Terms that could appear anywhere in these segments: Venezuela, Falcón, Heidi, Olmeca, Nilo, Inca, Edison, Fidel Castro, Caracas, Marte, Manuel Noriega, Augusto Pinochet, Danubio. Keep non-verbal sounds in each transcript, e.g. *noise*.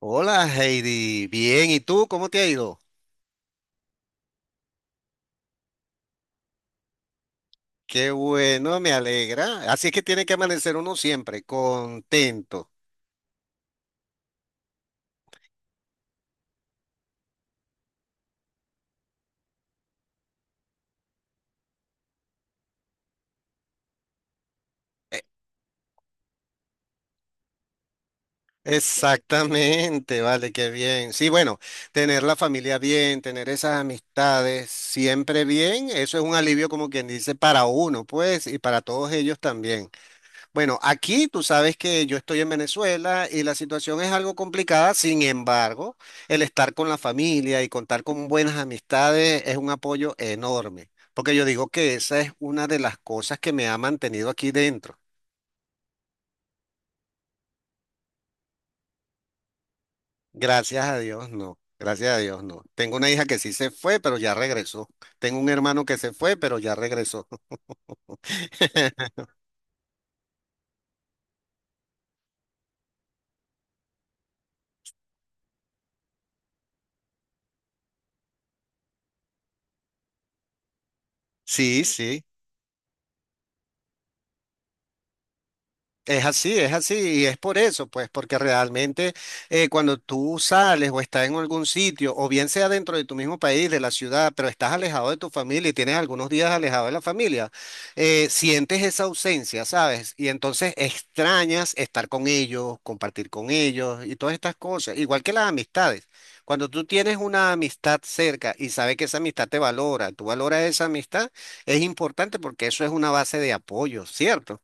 Hola Heidi, bien, ¿y tú cómo te ha ido? Qué bueno, me alegra. Así es que tiene que amanecer uno siempre, contento. E- Exactamente, vale, qué bien. Sí, bueno, tener la familia bien, tener esas amistades siempre bien, eso es un alivio como quien dice para uno, pues, y para todos ellos también. Bueno, aquí tú sabes que yo estoy en Venezuela y la situación es algo complicada, sin embargo, el estar con la familia y contar con buenas amistades es un apoyo enorme, porque yo digo que esa es una de las cosas que me ha mantenido aquí dentro. Gracias a Dios, no, gracias a Dios, no. Tengo una hija que sí se fue, pero ya regresó. Tengo un hermano que se fue, pero ya regresó. *laughs* Sí, sí. Es así, y es por eso, pues, porque realmente cuando tú sales o estás en algún sitio, o bien sea dentro de tu mismo país, de la ciudad, pero estás alejado de tu familia y tienes algunos días alejado de la familia, sientes esa ausencia, ¿sabes? Y entonces extrañas estar con ellos, compartir con ellos y todas estas cosas, igual que las amistades. Cuando tú tienes una amistad cerca y sabes que esa amistad te valora, tú valoras esa amistad, es importante porque eso es una base de apoyo, ¿cierto?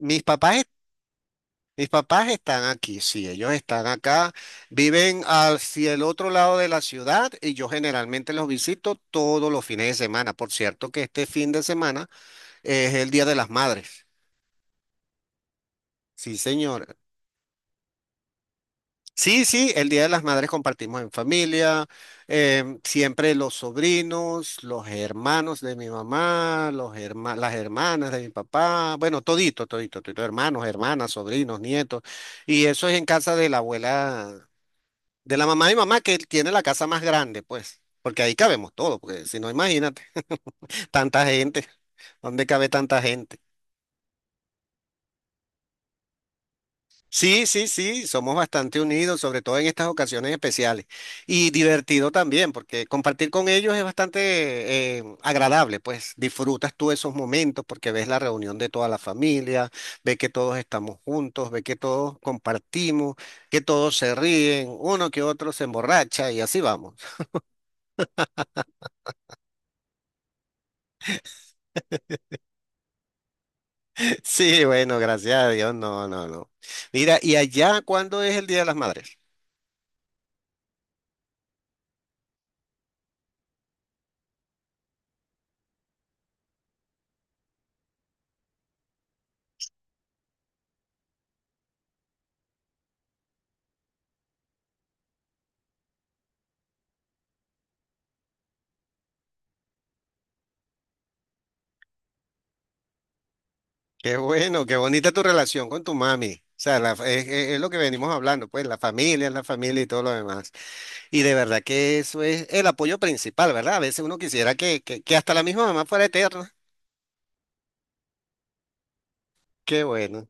Mis papás Mis papás están aquí, sí, ellos están acá, viven hacia el otro lado de la ciudad y yo generalmente los visito todos los fines de semana. Por cierto que este fin de semana es el Día de las Madres. Sí, señor. Sí, sí, el Día de las Madres compartimos en familia, siempre los sobrinos, los hermanos de mi mamá, las hermanas de mi papá, bueno, todito, todito, todito, hermanos, hermanas, sobrinos, nietos, y eso es en casa de la abuela. De la mamá de mi mamá que él tiene la casa más grande, pues, porque ahí cabemos todos, porque si no, imagínate, tanta gente, ¿dónde cabe tanta gente? Sí, sí, sí, somos bastante unidos, sobre todo en estas ocasiones especiales. Y divertido también, porque compartir con ellos es bastante agradable, pues disfrutas tú esos momentos porque ves la reunión de toda la familia, ves que todos estamos juntos, ves que todos compartimos, que todos se ríen, uno que otro se emborracha y así vamos. Sí, bueno, gracias a Dios, no, no, no. Mira, ¿y allá cuándo es el Día de las Madres? Qué bueno, qué bonita tu relación con tu mami. O sea, la fa- es lo que venimos hablando, pues la familia y todo lo demás. Y de verdad que eso es el apoyo principal, ¿verdad? A veces uno quisiera que hasta la misma mamá fuera eterna. Qué bueno.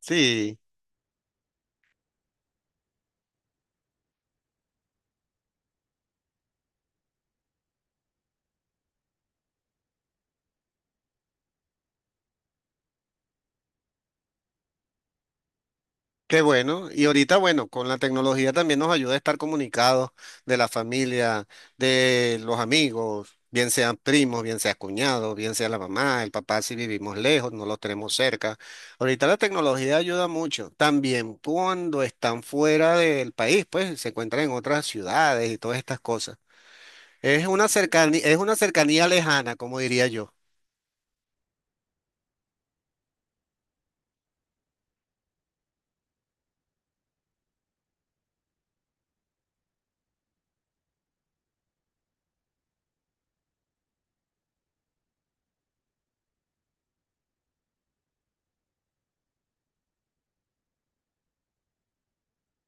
Sí. Qué bueno. Y ahorita, bueno, con la tecnología también nos ayuda a estar comunicados de la familia, de los amigos, bien sean primos, bien sea cuñados, bien sea la mamá, el papá, si vivimos lejos, no los tenemos cerca. Ahorita la tecnología ayuda mucho. También cuando están fuera del país, pues se encuentran en otras ciudades y todas estas cosas. Es una cercanía lejana, como diría yo.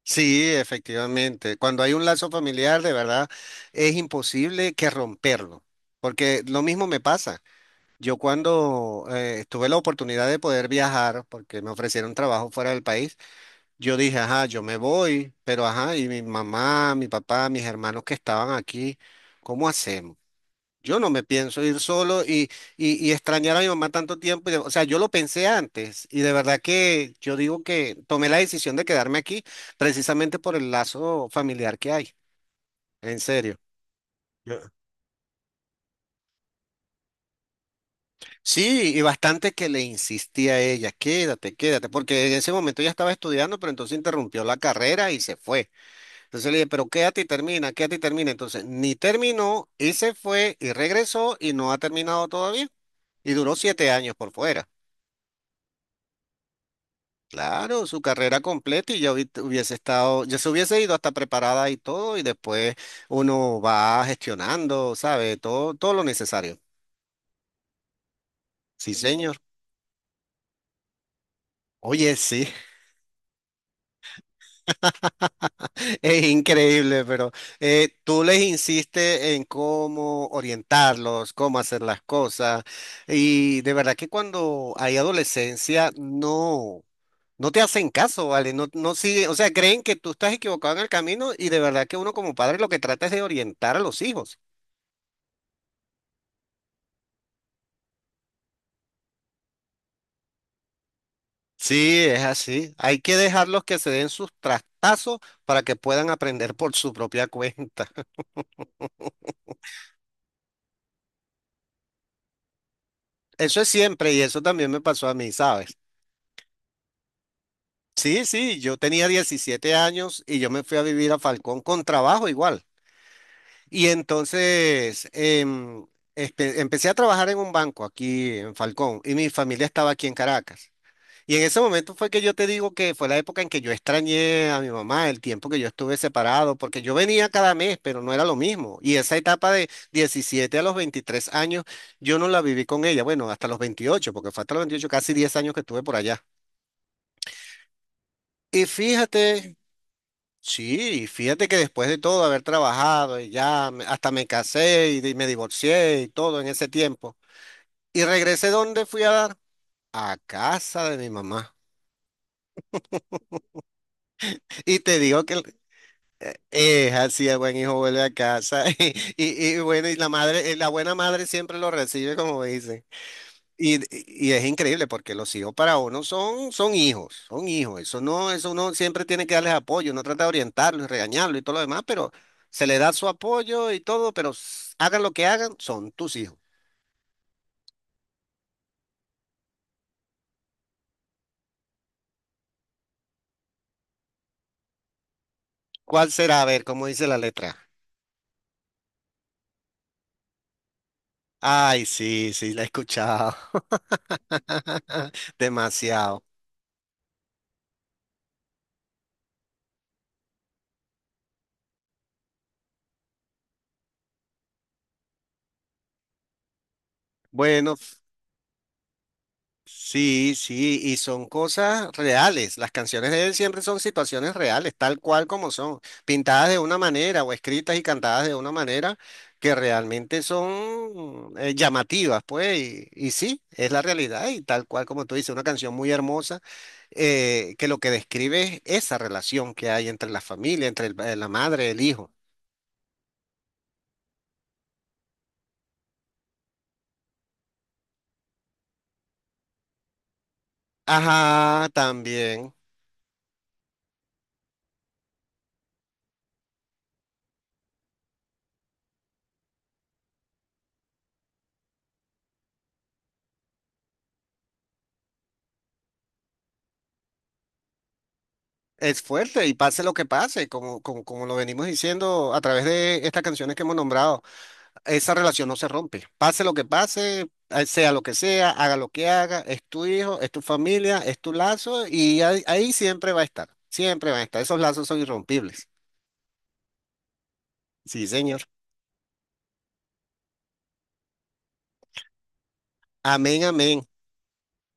Sí, efectivamente. Cuando hay un lazo familiar, de verdad, es imposible que romperlo, porque lo mismo me pasa. Yo cuando tuve la oportunidad de poder viajar, porque me ofrecieron trabajo fuera del país, yo dije, ajá, yo me voy, pero ajá, y mi mamá, mi papá, mis hermanos que estaban aquí, ¿cómo hacemos? Yo no me pienso ir solo y, y extrañar a mi mamá tanto tiempo. Y de- o sea, yo lo pensé antes y de verdad que yo digo que tomé la decisión de quedarme aquí precisamente por el lazo familiar que hay. En serio. Yo- Sí, y bastante que le insistía a ella, quédate, quédate, porque en ese momento ella estaba estudiando, pero entonces interrumpió la carrera y se fue. Entonces le dije, pero quédate y termina, quédate y termina. Entonces ni terminó y se fue y regresó y no ha terminado todavía. Y duró 7 años por fuera. Claro, su carrera completa y ya hubiese estado, ya se hubiese ido hasta preparada y todo, y después uno va gestionando, ¿sabe? Todo, todo lo necesario. Sí, señor. Oye, sí, *laughs* es increíble, pero tú les insistes en cómo orientarlos, cómo hacer las cosas, y de verdad que cuando hay adolescencia, no. No te hacen caso, ¿vale? No, no siguen, o sea, creen que tú estás equivocado en el camino y de verdad que uno como padre lo que trata es de orientar a los hijos. Sí, es así. Hay que dejarlos que se den sus trastazos para que puedan aprender por su propia *laughs* cuenta. Eso es siempre y eso también me pasó a mí, ¿sabes? Sí, sí, yo tenía 17 años y yo me fui a vivir a Falcón con trabajo igual. Y entonces empecé a trabajar en un banco aquí en Falcón y mi familia estaba aquí en Caracas. Y en ese momento fue que yo te digo que fue la época en que yo extrañé a mi mamá, el tiempo que yo estuve separado, porque yo venía cada mes, pero no era lo mismo. Y esa etapa de 17 a los 23 años, yo no la viví con ella, bueno, hasta los 28 porque fue hasta los 28 casi 10 años que estuve por allá. Y fíjate, sí, fíjate que después de todo haber trabajado y hasta me casé y me divorcié y todo en ese tiempo. Y regresé donde fui a dar, a casa de mi mamá. Y te digo que así el buen hijo vuelve a casa *laughs* y bueno, y la madre, la buena madre siempre lo recibe como dice. Y, y es increíble porque los hijos para uno son, son hijos, son hijos. Eso no, eso uno siempre tiene que darles apoyo, uno trata de orientarlos y regañarlos y todo lo demás, pero se le da su apoyo y todo, pero hagan lo que hagan, son tus hijos. ¿Cuál será? A ver, ¿cómo dice la letra? Ay, sí, sí, la he escuchado. *laughs* Demasiado. Bueno. Sí, sí, y son cosas reales. Las canciones de él siempre son situaciones reales, tal cual como son, pintadas de una manera o escritas y cantadas de una manera que realmente son llamativas, pues, y sí, es la realidad y tal cual como tú dices, una canción muy hermosa que lo que describe es esa relación que hay entre la familia, la madre, el hijo. Ajá, también. Es fuerte y pase lo que pase, como lo venimos diciendo a través de estas canciones que hemos nombrado, esa relación no se rompe. Pase lo que pase, sea lo que sea, haga lo que haga, es tu hijo, es tu familia, es tu lazo y ahí, ahí siempre va a estar, siempre va a estar. Esos lazos son irrompibles. Sí, señor. Amén, amén,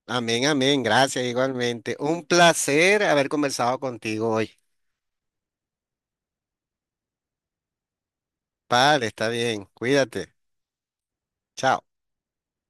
amén, amén. Gracias igualmente. Un placer haber conversado contigo hoy. Vale, está bien. Cuídate. Chao.